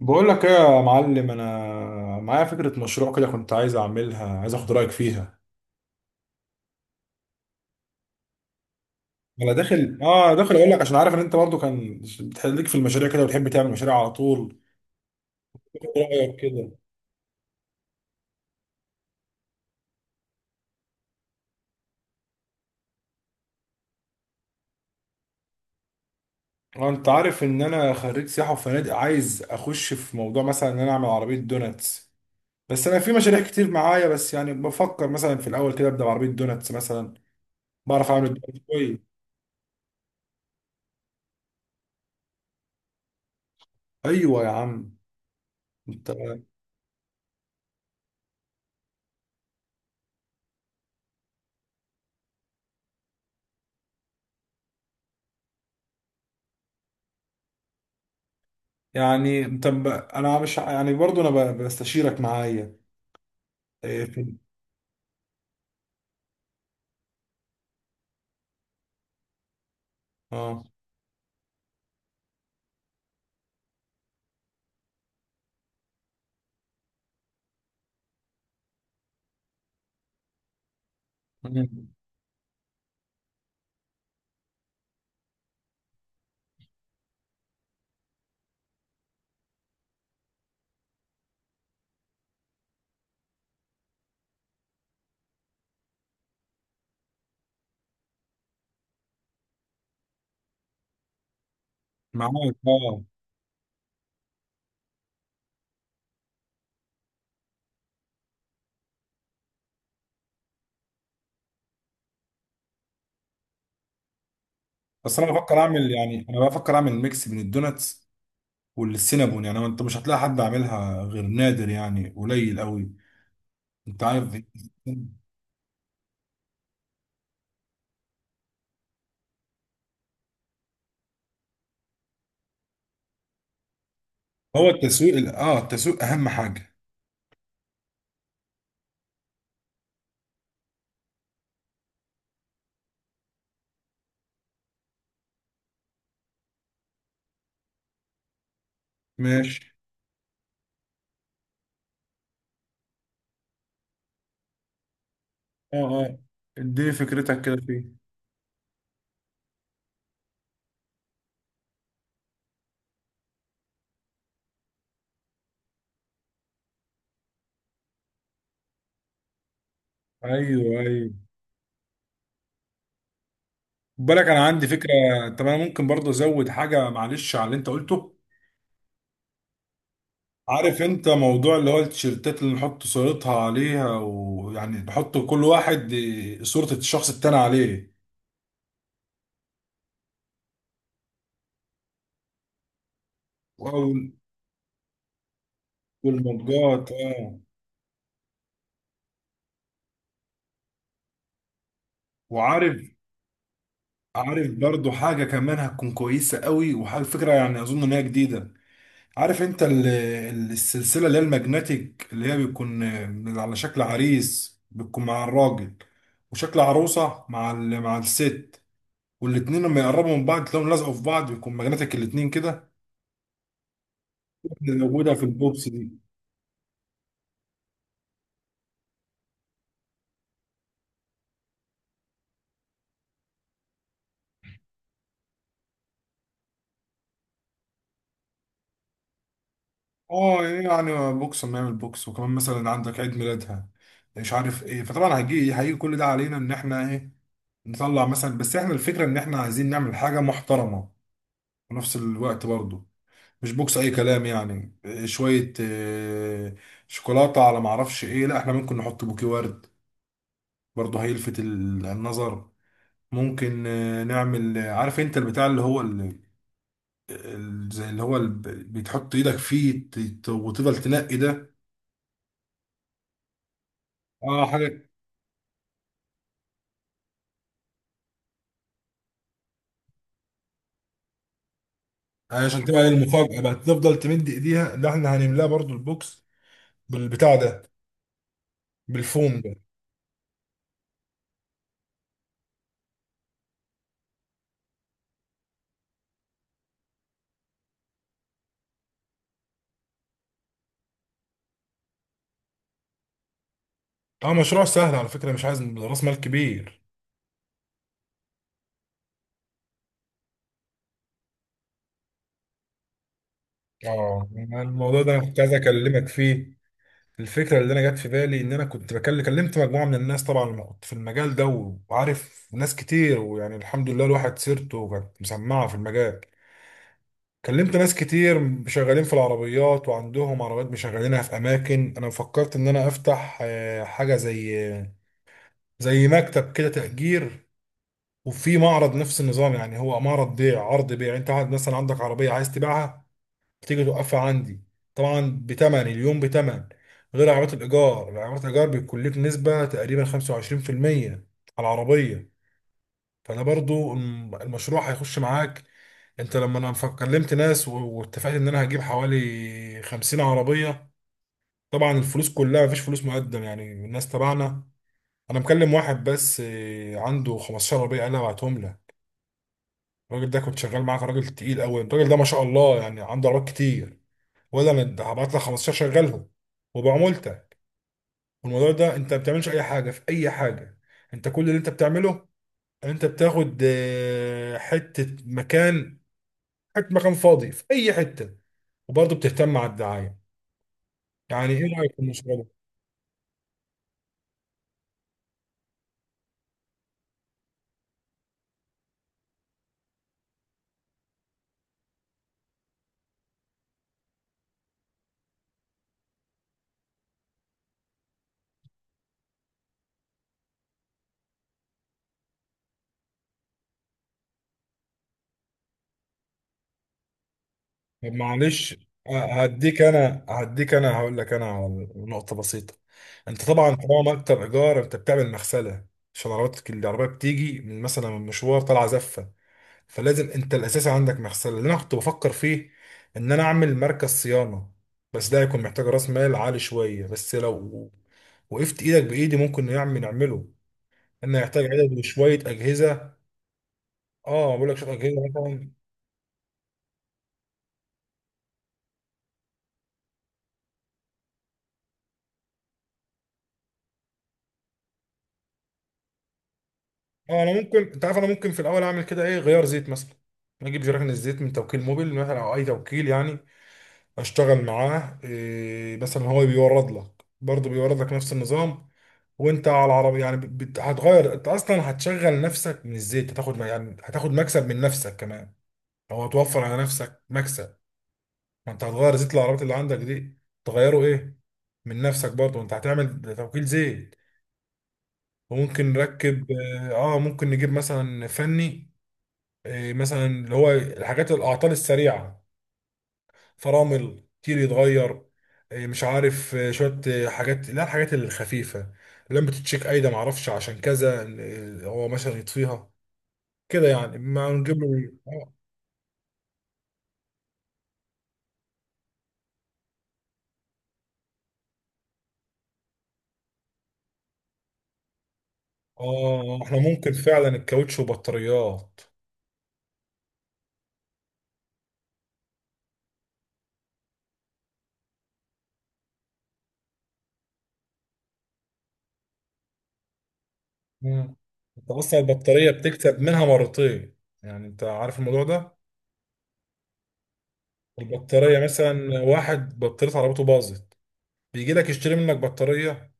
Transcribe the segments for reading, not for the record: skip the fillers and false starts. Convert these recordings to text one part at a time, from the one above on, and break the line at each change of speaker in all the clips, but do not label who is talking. بقول لك ايه يا معلم، انا معايا فكره مشروع كده، كنت عايز اعملها، عايز اخد رايك فيها. انا داخل اقول لك، عشان عارف ان انت برضو كان بتحليك في المشاريع كده، وبتحب تعمل مشاريع على طول. إيه رايك كده؟ انت عارف ان انا خريج سياحه وفنادق، عايز اخش في موضوع مثلا ان انا اعمل عربيه دوناتس. بس انا في مشاريع كتير معايا، بس يعني بفكر مثلا في الاول كده ابدا بعربيه دوناتس مثلا. بعرف اعمل الدوناتس كويس. ايوه يا عم، انت. انا مش ع- يعني برضو بستشيرك معايا. إيه؟ في. اه. مم. معاك اه. بس انا بفكر اعمل ميكس بين الدوناتس والسينابون، يعني انت مش هتلاقي حد عاملها غير نادر، يعني قليل قوي. انت عارف إيه؟ هو التسويق اهم حاجه. ماشي. اه، اه. اديني فكرتك كده فيه. ايوه، ايوه. بالك انا عندي فكره. طب انا ممكن برضه ازود حاجه، معلش، على اللي انت قلته. عارف انت موضوع اللي هو التيشيرتات اللي نحط صورتها عليها، ويعني نحط كل واحد صورة الشخص التاني عليه. وال- والمجات، اه. وعارف عارف برضو حاجة كمان هتكون كويسة قوي، وحاجة فكرة يعني أظن إن هي جديدة. عارف انت السلسلة اللي هي الماجنتيك، اللي هي بيكون على شكل عريس بتكون مع الراجل، وشكل عروسة مع الست. والاتنين لما يقربوا من بعض تلاقيهم لازقوا في بعض، بيكون ماجنتيك الاتنين كده، اللي موجودة في البوكس دي. اه إيه يعني بوكس؟ ما يعمل بوكس، وكمان مثلا عندك عيد ميلادها، مش عارف ايه، فطبعا هيجي هيجي كل ده علينا ان احنا ايه، نطلع مثلا. بس احنا الفكره ان احنا عايزين نعمل حاجه محترمه في نفس الوقت برضه، مش بوكس اي كلام يعني، إيه، شويه إيه، شوكولاته على ما اعرفش ايه. لا احنا ممكن نحط بوكي ورد، برضه هيلفت النظر. ممكن نعمل، عارف انت البتاع اللي هو زي اللي هو بتحط ايدك فيه وتفضل تنقي ده. اه، حاجه عشان تبقى المفاجاه بقى، تفضل تمد ايديها اللي احنا هنملاها برضو البوكس بالبتاع ده، بالفوم ده. اه، مشروع سهل على فكره، مش عايز راس مال كبير. اه، أنا الموضوع ده انا كنت عايز اكلمك فيه. الفكره اللي انا جت في بالي، ان انا كنت بكلم كلمت مجموعه من الناس طبعا، اللي كنت في المجال ده، وعارف ناس كتير، ويعني الحمد لله الواحد سيرته كانت مسمعه في المجال. كلمت ناس كتير شغالين في العربيات، وعندهم عربيات مشغلينها في اماكن. انا فكرت ان انا افتح حاجه زي زي مكتب كده تأجير، وفي معرض. نفس النظام يعني، هو معرض بيع، عرض بيع. انت عاد مثلا عندك عربية عايز تبيعها، تيجي توقفها عندي. طبعا بتمن اليوم بتمن، غير عربية الإيجار. العربية الإيجار بيكون لك نسبة تقريبا 25% على العربية، فأنا برضو المشروع هيخش معاك. انت لما انا كلمت ناس واتفقت ان انا هجيب حوالي 50 عربية. طبعا الفلوس كلها مفيش فلوس مقدم، يعني الناس تبعنا. انا مكلم واحد بس، عنده 15 عربيه، قال لي ابعتهم له. الراجل ده كنت شغال معاه، كان راجل تقيل قوي. الراجل ده ما شاء الله يعني عنده عربيات كتير، ولا انا ده هبعت لك 15 شغلهم وبعمولته. والموضوع ده انت ما بتعملش اي حاجه في اي حاجه، انت كل اللي انت بتعمله، انت بتاخد حته مكان فاضي في اي حته، وبرضه بتهتم على الدعايه. يعني ايه رايك في المشروع؟ طب معلش، هديك انا هقول لك انا على نقطه بسيطه. انت طبعا طالما مكتب ايجار، انت بتعمل مغسله، عشان عربيتك العربيه بتيجي من مثلا من مشوار طالعه زفه، فلازم انت الاساسي عندك مغسله. اللي انا كنت بفكر فيه ان انا اعمل مركز صيانه، بس ده هيكون محتاج راس مال عالي شويه، بس لو وقفت ايدك بايدي ممكن نعمله. انا هيحتاج عدد وشويه اجهزه. اه، بقول لك شويه اجهزه مثلا. اه انا ممكن، انت عارف، انا ممكن في الاول اعمل كده ايه، غيار زيت مثلا. اجيب جيران الزيت من توكيل موبيل مثلا، او اي توكيل يعني، اشتغل معاه. إيه مثلا، هو بيورد لك برضه، بيورد لك نفس النظام، وانت على العربية يعني هتغير. انت اصلا هتشغل نفسك من الزيت، هتاخد يعني هتاخد مكسب من نفسك كمان، او هتوفر على نفسك مكسب. ما انت هتغير زيت العربيات اللي عندك دي، تغيره ايه، من نفسك برضه، انت هتعمل توكيل زيت. وممكن نركب، اه، ممكن نجيب مثلا فني، إيه مثلا اللي هو الحاجات الاعطال السريعه. فرامل كتير يتغير، إيه، مش عارف إيه، شويه إيه حاجات، لا الحاجات الخفيفه، لما تتشيك ايده ما اعرفش عشان كذا إيه، هو مثلا يطفيها كده يعني، ما نجيب له إيه؟ اه. احنا ممكن فعلا الكاوتش وبطاريات. مم. انت اصلا البطاريه بتكسب منها مرتين. يعني انت عارف الموضوع ده، البطاريه مثلا، واحد بطاريه عربيته باظت، بيجي لك يشتري منك بطاريه.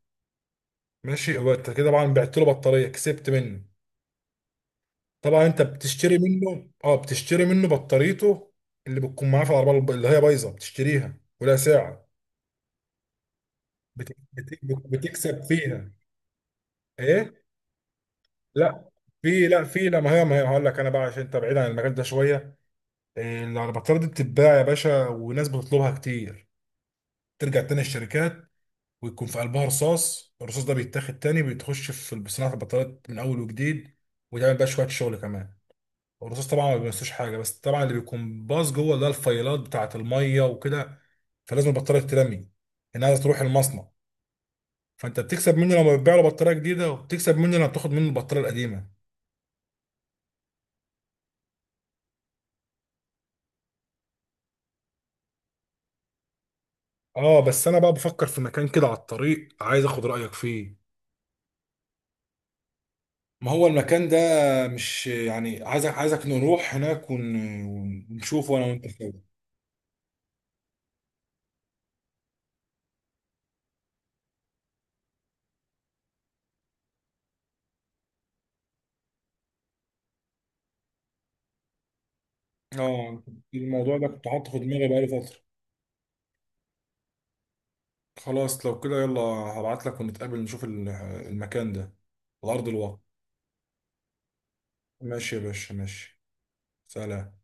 ماشي، هو انت كده طبعا بعت له بطاريه كسبت منه. طبعا انت بتشتري منه، اه، بتشتري منه بطاريته اللي بتكون معاه في العربيه، اللي هي بايظه بتشتريها ولا ساعه. بتكسب فيها. ايه. لا لا، ما هي هقول لك انا بقى، عشان انت بعيد عن المجال ده شويه. إيه، البطاريه دي بتتباع يا باشا، وناس بتطلبها كتير، ترجع تاني الشركات، ويكون في قلبها رصاص. الرصاص ده بيتاخد تاني، بتخش في صناعه البطاريات من اول وجديد، وتعمل بقى شويه شغل كمان. الرصاص طبعا ما بيمسوش حاجه، بس طبعا اللي بيكون باظ جوه اللي هي الفيلات بتاعه الميه وكده، فلازم البطاريه تترمي، انها تروح المصنع. فانت بتكسب مني لما بتبيع له بطاريه جديده، وبتكسب مني لما بتاخد مني البطاريه القديمه. اه، بس انا بقى بفكر في مكان كده على الطريق، عايز اخد رايك فيه. ما هو المكان ده، مش يعني عايزك، نروح هناك ونشوفه انا وانت سوا. اه، الموضوع ده كنت حاطه في دماغي بقالي فتره. خلاص لو كده يلا، هبعت لك ونتقابل نشوف المكان ده على ارض الواقع. ماشي يا باشا، ماشي. سلام.